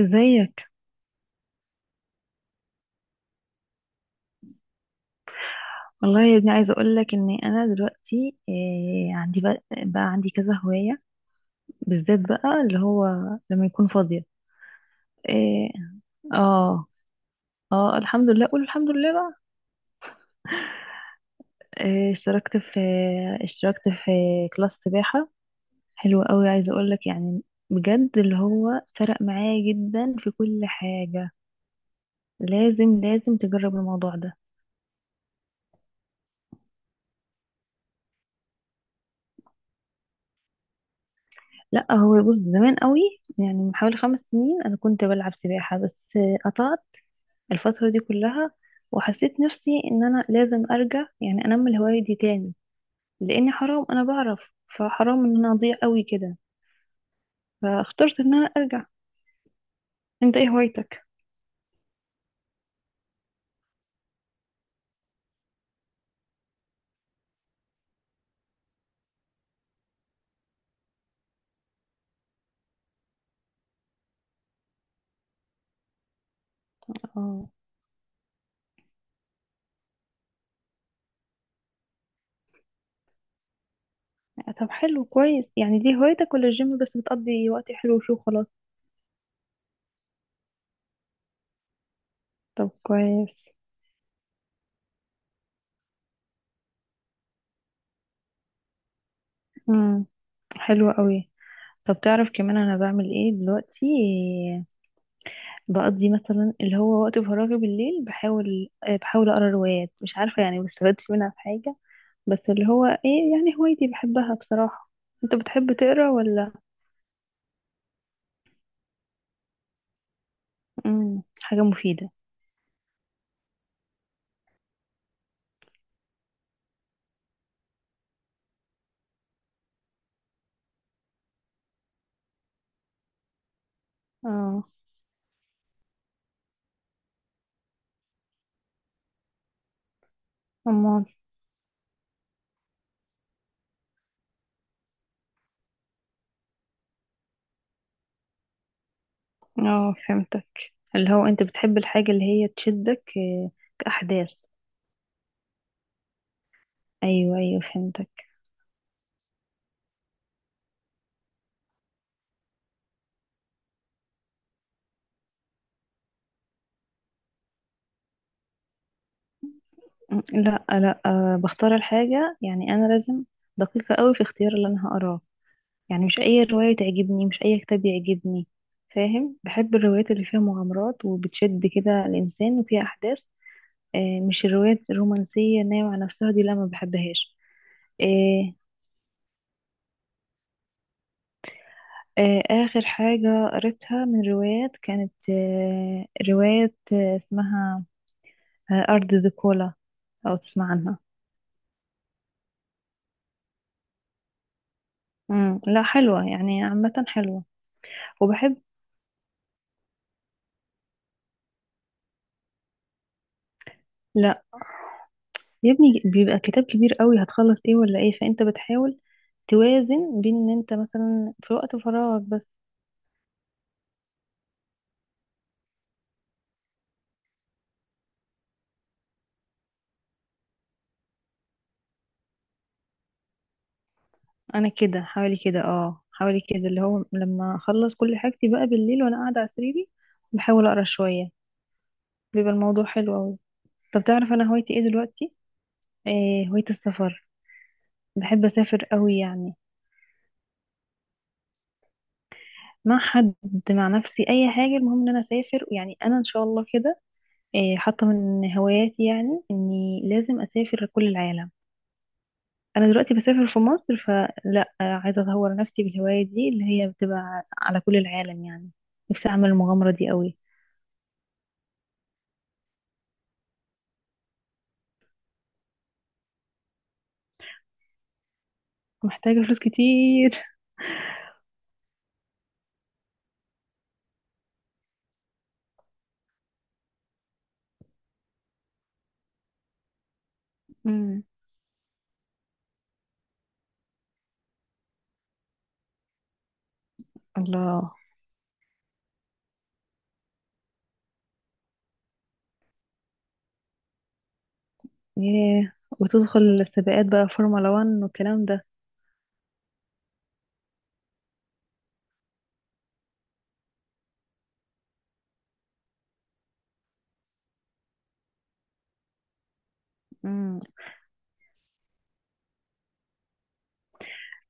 ازيك؟ والله يا ابني عايزه اقول لك ان انا دلوقتي إيه عندي بقى، عندي كذا هوايه بالذات بقى اللي هو لما يكون فاضيه. إيه. اه، اه، الحمد لله. قول الحمد لله بقى. إيه، اشتركت في كلاس سباحه. حلو قوي، عايزه اقول لك يعني بجد اللي هو فرق معايا جدا في كل حاجه. لازم تجرب الموضوع ده. لا، هو بص زمان قوي. يعني من حوالي 5 سنين انا كنت بلعب سباحه. بس قطعت الفترة دي كلها. وحسيت نفسي ان انا لازم ارجع، يعني انمي الهواية دي تاني لاني حرام انا بعرف. فحرام ان انا اضيع قوي كده. فاخترت ان انا ارجع. انت ايه هوايتك؟ اه، طب حلو، كويس. يعني دي هوايتك ولا الجيم بس بتقضي وقت حلو وشو خلاص؟ طب كويس. امم حلو قوي. طب تعرف كمان انا بعمل ايه دلوقتي؟ بقضي مثلا اللي هو وقت فراغي بالليل، بحاول اقرا روايات. مش عارفه يعني ما استفدتش منها في حاجه، بس اللي هو ايه يعني هوايتي بحبها بصراحة. انت بتحب تقرا ولا؟ حاجة مفيدة. اه، امال. اه فهمتك. اللي هو انت بتحب الحاجة اللي هي تشدك كأحداث. ايوه، ايوه، فهمتك. أمم، لا، لا، بختار الحاجة. يعني انا لازم دقيقة قوي في اختيار اللي انا هقراه. يعني مش اي رواية تعجبني، مش اي كتاب يعجبني. فاهم؟ بحب الروايات اللي فيها مغامرات وبتشد كده الانسان وفيها احداث. مش الروايات الرومانسية نايمة على نفسها دي، لا ما بحبهاش. آه، آه، آخر حاجة قريتها من روايات كانت رواية اسمها أرض زيكولا. أو تسمع عنها؟ مم. لا، حلوة يعني، عامة حلوة. وبحب. لا يا ابني، بيبقى كتاب كبير قوي هتخلص ايه ولا ايه. فانت بتحاول توازن بين ان انت مثلا في وقت فراغك بس. انا كده حوالي كده اللي هو لما اخلص كل حاجتي بقى بالليل وانا قاعدة على سريري بحاول اقرا شوية. بيبقى الموضوع حلو أوي. طب تعرف أنا هوايتي إيه دلوقتي؟ إيه، هواية السفر. بحب أسافر أوي يعني. مع حد، مع نفسي، أي حاجة، المهم إن أنا أسافر. يعني أنا إن شاء الله كده إيه حاطة من هواياتي، يعني إني لازم أسافر كل العالم. أنا دلوقتي بسافر في مصر، فلا، عايزة أطور نفسي بالهواية دي اللي هي بتبقى على كل العالم يعني. نفسي أعمل المغامرة دي أوي. محتاجة فلوس كتير. مم. الله. ياه. وتدخل السباقات بقى فورمولا 1 والكلام ده؟ مم.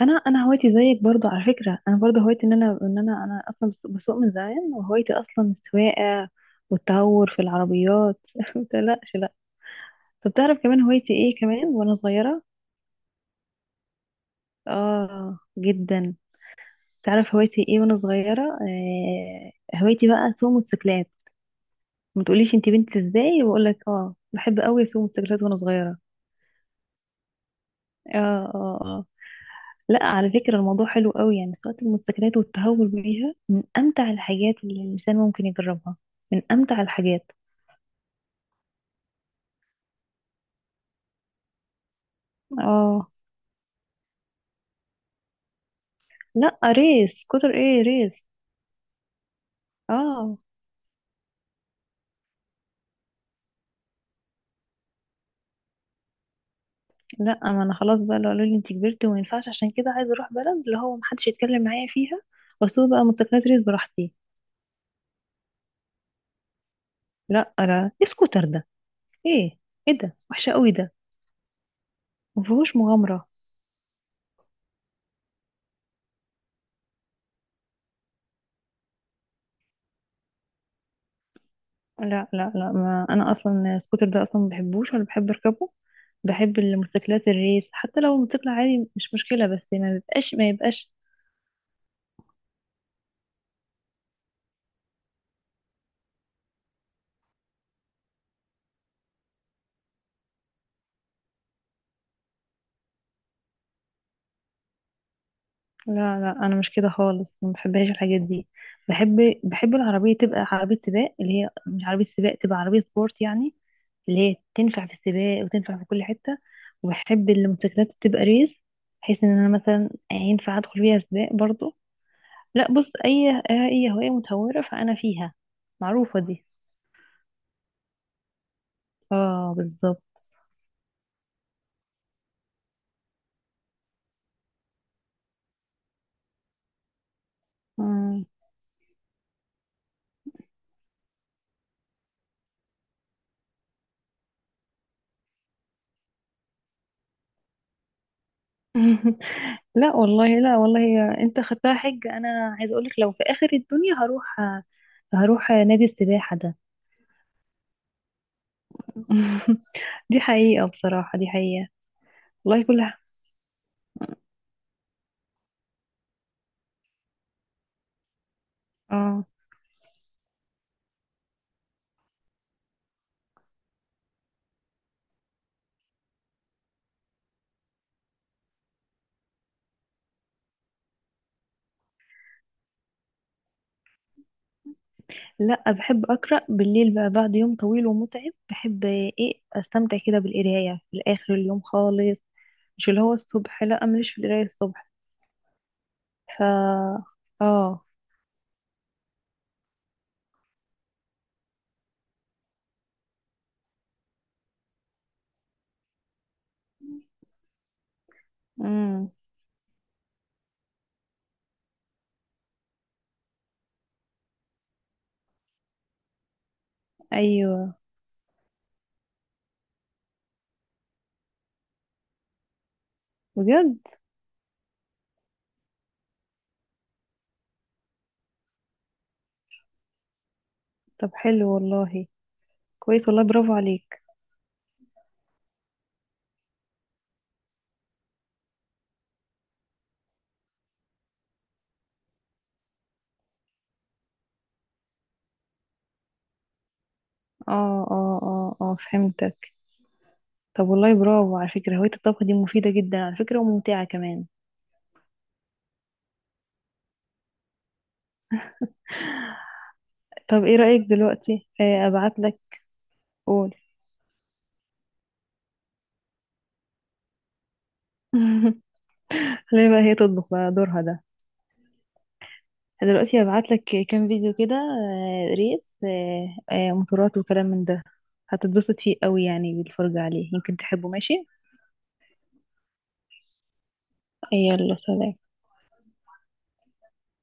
انا هوايتي زيك برضو على فكره، انا برضو هوايتي ان انا اصلا بسوق من زمان، وهوايتي اصلا السواقه والتهور في العربيات ما تقلقش، لا. طب تعرف كمان هوايتي ايه كمان وانا صغيره؟ اه جدا. تعرف هوايتي ايه وانا صغيره؟ هوايتي بقى اسوق موتوسيكلات. ما تقوليش انت بنت ازاي، واقول لك اه بحب قوي اسوق موتوسيكلات وانا صغيره. اه، اه، آه. لا، على فكرة الموضوع حلو قوي يعني سواقة الموتوسيكلات والتهور بيها من أمتع الحاجات اللي الإنسان ممكن يجربها. من أمتع الحاجات. اه. لا، ريس كتر ايه، ريس. اه، لا، ما انا خلاص بقى. لو قالوا لي انت كبرتي وما ينفعش عشان كده، عايزة اروح بلد اللي هو محدش يتكلم معايا فيها واسوق بقى موتوسيكلات ريس براحتي. لا، لا، ايه سكوتر ده؟ ايه، ايه ده وحشة قوي ده، مفيهوش مغامرة. لا، لا، لا، ما انا اصلا السكوتر ده اصلا ما بحبوش ولا بحب اركبه. بحب الموتوسيكلات الريس، حتى لو موتوسيكل عادي مش مشكله، بس ما بيبقاش ما يبقاش. لا، لا، انا مش كده خالص، ما بحبهاش الحاجات دي. بحب العربيه تبقى عربيه سباق اللي هي مش عربيه سباق تبقى عربيه سبورت يعني اللي هي تنفع في السباق وتنفع في كل حته. وبحب الموتوسيكلات تبقى ريس بحيث ان انا مثلا ينفع ادخل فيها سباق برضو. لا، بص، اي هوايه متهوره فانا فيها معروفه دي. اه، بالظبط. آه. لا والله، لا والله، انت خدتها حج. انا عايز اقولك لو في اخر الدنيا هروح، هروح نادي السباحة ده. دي حقيقة بصراحة، دي حقيقة. والله كلها. اه. لا، بحب اقرا بالليل بقى بعد يوم طويل ومتعب. بحب ايه استمتع كده بالقراية في الاخر اليوم خالص، مش اللي هو الصبح، لا، ماليش في القراية الصبح. ف اه امم ايوه، بجد. طب حلو والله، كويس والله، برافو عليك. اه، اه، اه، اه، فهمتك. طب والله برافو. على فكرة هواية الطبخ دي مفيدة جدا على فكرة، وممتعة كمان. طب ايه رأيك دلوقتي ابعت لك؟ قول. خلينا بقى هي تطبخ بقى دورها ده. دلوقتي هبعت لك كام فيديو كده، ريس، موتورات وكلام من ده. هتتبسط فيه قوي يعني، بالفرجة عليه يمكن تحبه، ماشي؟ يلا، سلام.